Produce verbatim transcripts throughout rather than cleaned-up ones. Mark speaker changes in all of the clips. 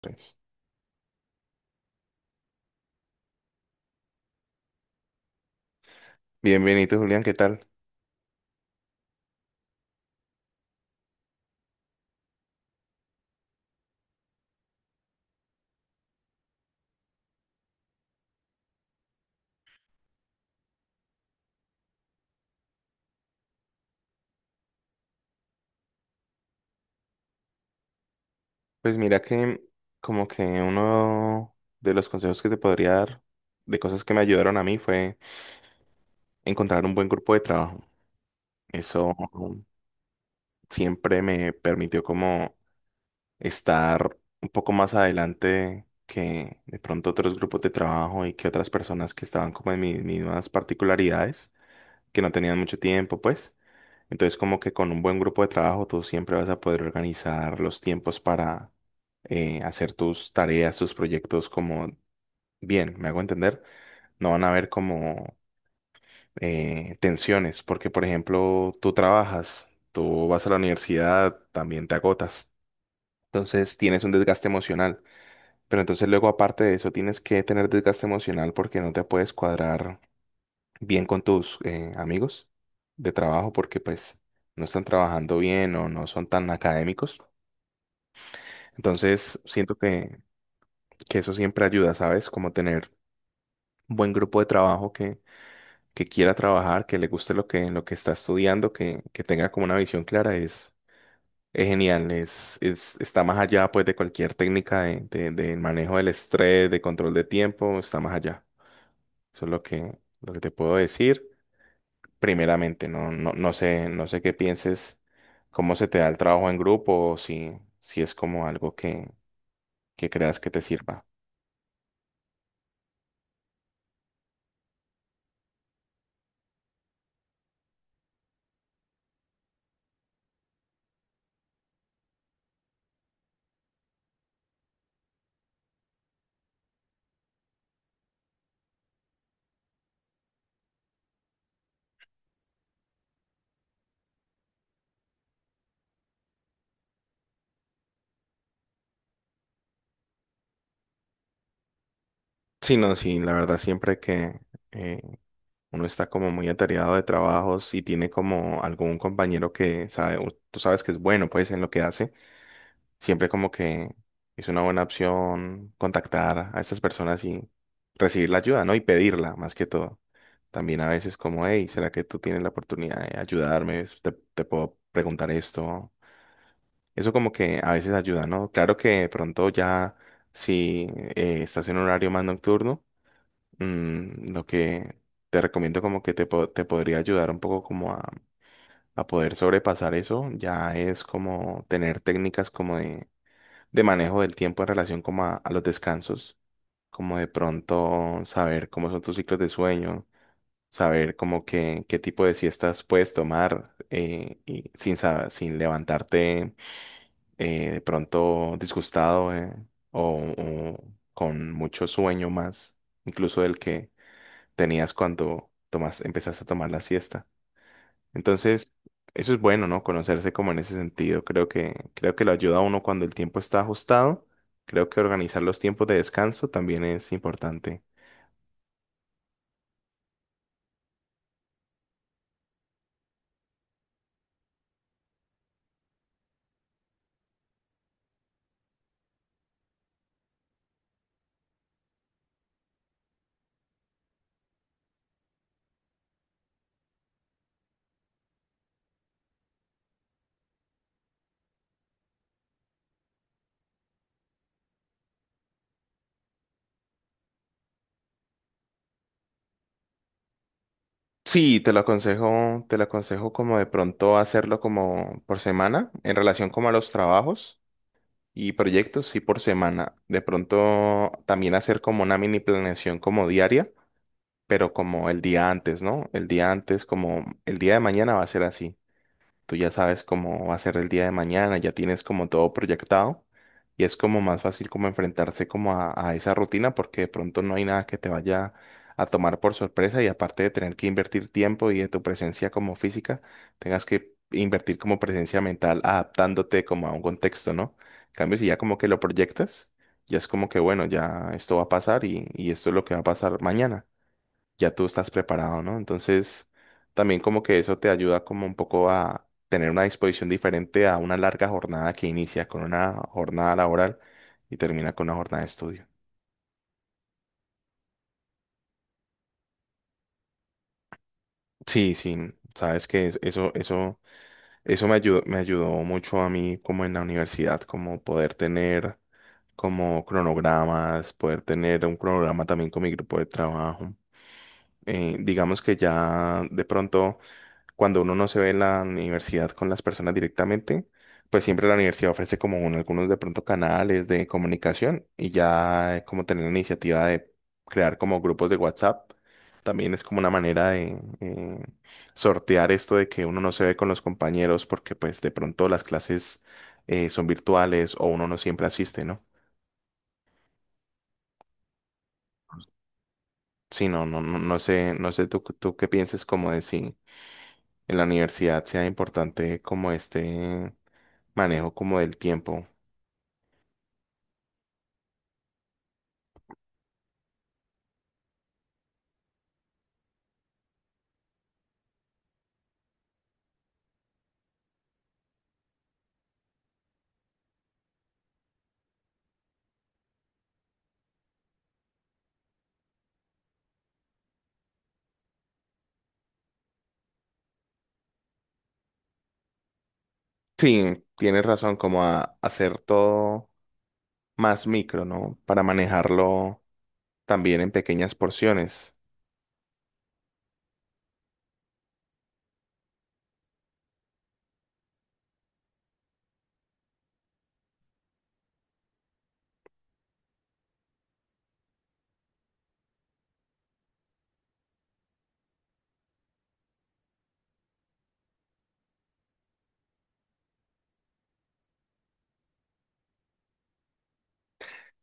Speaker 1: Pues, bienvenido, Julián, ¿qué tal? Pues mira que como que uno de los consejos que te podría dar de cosas que me ayudaron a mí fue encontrar un buen grupo de trabajo. Eso um, siempre me permitió como estar un poco más adelante que de pronto otros grupos de trabajo y que otras personas que estaban como en mis mismas particularidades, que no tenían mucho tiempo, pues. Entonces, como que con un buen grupo de trabajo, tú siempre vas a poder organizar los tiempos para eh, hacer tus tareas, tus proyectos como bien, ¿me hago entender? No van a haber como eh, tensiones, porque, por ejemplo, tú trabajas, tú vas a la universidad, también te agotas. Entonces, tienes un desgaste emocional. Pero entonces luego, aparte de eso, tienes que tener desgaste emocional porque no te puedes cuadrar bien con tus eh, amigos de trabajo porque pues no están trabajando bien o no son tan académicos. Entonces siento que, que eso siempre ayuda, ¿sabes? Como tener un buen grupo de trabajo que, que quiera trabajar, que le guste lo que, lo que está estudiando, que, que tenga como una visión clara es, es genial, es, es, está más allá pues de cualquier técnica de, de, de manejo del estrés, de control de tiempo, está más allá. Eso es lo que, lo que te puedo decir primeramente. No, no, no sé, no sé qué pienses, cómo se te da el trabajo en grupo o si, si es como algo que, que creas que te sirva. Sí, no, sí, la verdad siempre que eh, uno está como muy atareado de trabajos y tiene como algún compañero que sabe, o tú sabes que es bueno pues en lo que hace. Siempre como que es una buena opción contactar a estas personas y recibir la ayuda, ¿no? Y pedirla, más que todo. También a veces como, hey, ¿será que tú tienes la oportunidad de ayudarme? Es- ¿Te, te puedo preguntar esto? Eso como que a veces ayuda, ¿no? Claro que de pronto ya si eh, estás en un horario más nocturno, mm, lo que te recomiendo como que te, po- te podría ayudar un poco como a, a poder sobrepasar eso, ya es como tener técnicas como de de manejo del tiempo en relación como a, a los descansos, como de pronto saber cómo son tus ciclos de sueño, saber como que, qué tipo de siestas puedes tomar eh, y sin, sa- sin levantarte eh, de pronto disgustado eh, o, o con mucho sueño más, incluso del que tenías cuando tomas, empezaste a tomar la siesta. Entonces, eso es bueno, ¿no? Conocerse como en ese sentido. Creo que, creo que lo ayuda a uno cuando el tiempo está ajustado. Creo que organizar los tiempos de descanso también es importante. Sí, te lo aconsejo, te lo aconsejo como de pronto hacerlo como por semana, en relación como a los trabajos y proyectos, sí por semana. De pronto también hacer como una mini planeación como diaria, pero como el día antes, ¿no? El día antes, como el día de mañana va a ser así. Tú ya sabes cómo va a ser el día de mañana, ya tienes como todo proyectado y es como más fácil como enfrentarse como a, a esa rutina porque de pronto no hay nada que te vaya a tomar por sorpresa y aparte de tener que invertir tiempo y de tu presencia como física, tengas que invertir como presencia mental adaptándote como a un contexto, ¿no? En cambio, si ya como que lo proyectas, ya es como que bueno, ya esto va a pasar y, y esto es lo que va a pasar mañana, ya tú estás preparado, ¿no? Entonces, también como que eso te ayuda como un poco a tener una disposición diferente a una larga jornada que inicia con una jornada laboral y termina con una jornada de estudio. Sí, sí, sabes que es- eso, eso, eso me ayudó, me ayudó mucho a mí como en la universidad, como poder tener como cronogramas, poder tener un cronograma también con mi grupo de trabajo. Eh, digamos que ya de pronto cuando uno no se ve en la universidad con las personas directamente, pues siempre la universidad ofrece como un- algunos de pronto canales de comunicación y ya eh, como tener la iniciativa de crear como grupos de WhatsApp, también es como una manera de eh, sortear esto de que uno no se ve con los compañeros porque pues de pronto las clases eh, son virtuales o uno no siempre asiste, ¿no? Sí, no, no, no, no sé, no sé tú, tú qué pienses como de si en la universidad sea importante como este manejo como del tiempo. Sí, tienes razón, como a hacer todo más micro, ¿no? Para manejarlo también en pequeñas porciones.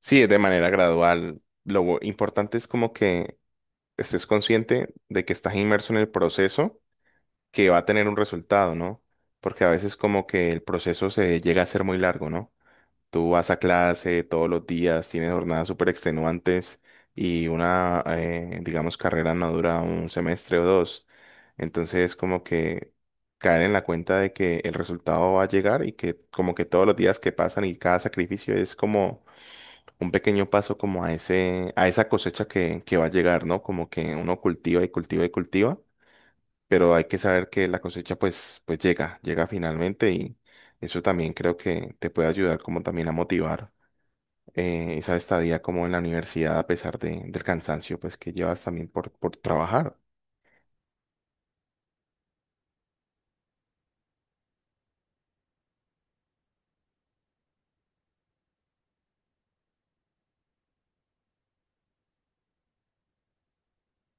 Speaker 1: Sí, es de manera gradual. Lo bu- importante es como que estés consciente de que estás inmerso en el proceso que va a tener un resultado, ¿no? Porque a veces como que el proceso se llega a ser muy largo, ¿no? Tú vas a clase todos los días, tienes jornadas súper extenuantes y una, eh, digamos, carrera no dura un semestre o dos. Entonces, como que caer en la cuenta de que el resultado va a llegar y que como que todos los días que pasan y cada sacrificio es como un pequeño paso como a ese, a esa cosecha que, que va a llegar, ¿no? Como que uno cultiva y cultiva y cultiva, pero hay que saber que la cosecha pues, pues llega, llega finalmente y eso también creo que te puede ayudar como también a motivar eh, esa estadía como en la universidad a pesar de, del cansancio pues que llevas también por, por trabajar.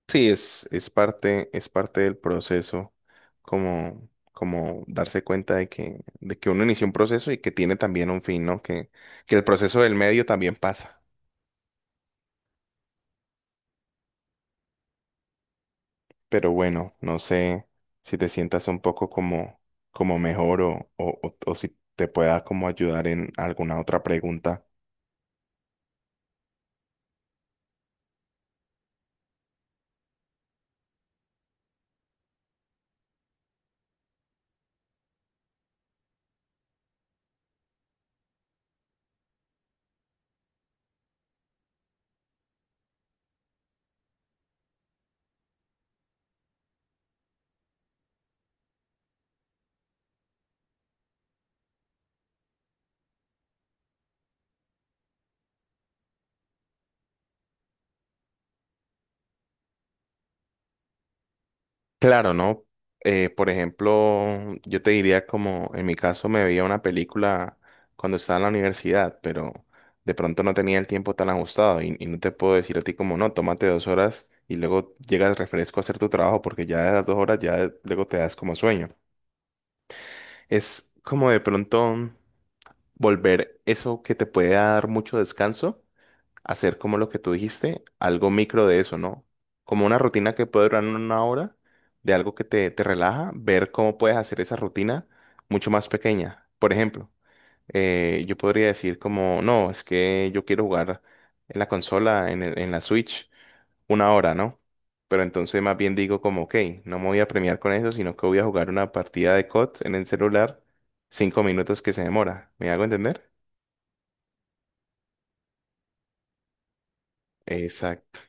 Speaker 1: Sí, es, es parte, es parte del proceso, como, como darse cuenta de que, de que uno inició un proceso y que tiene también un fin, ¿no? Que, que el proceso del medio también pasa. Pero bueno, no sé si te sientas un poco como, como mejor o, o, o o si te pueda como ayudar en alguna otra pregunta. Claro, ¿no? Eh, por ejemplo, yo te diría como en mi caso me veía una película cuando estaba en la universidad, pero de pronto no tenía el tiempo tan ajustado y, y no te puedo decir a ti como no, tómate dos horas y luego llegas refresco a hacer tu trabajo porque ya de las dos horas ya luego te das como sueño. Es como de pronto volver eso que te puede dar mucho descanso hacer como lo que tú dijiste, algo micro de eso, ¿no? Como una rutina que puede durar una hora, de algo que te, te relaja, ver cómo puedes hacer esa rutina mucho más pequeña. Por ejemplo, eh, yo podría decir como, no, es que yo quiero jugar en la consola, en el- en la Switch, una hora, ¿no? Pero entonces más bien digo como, ok, no me voy a premiar con eso, sino que voy a jugar una partida de C O D en el celular, cinco minutos que se demora. ¿Me hago entender? Exacto.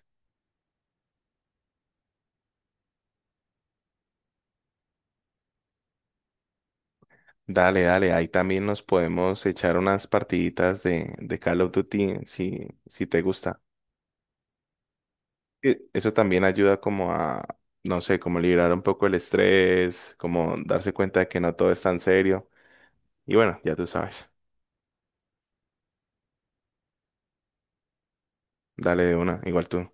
Speaker 1: Dale, dale, ahí también nos podemos echar unas partiditas de, de Call of Duty si, si te gusta. E- Eso también ayuda como a, no sé, como liberar un poco el estrés, como darse cuenta de que no todo es tan serio. Y bueno, ya tú sabes. Dale de una, igual tú.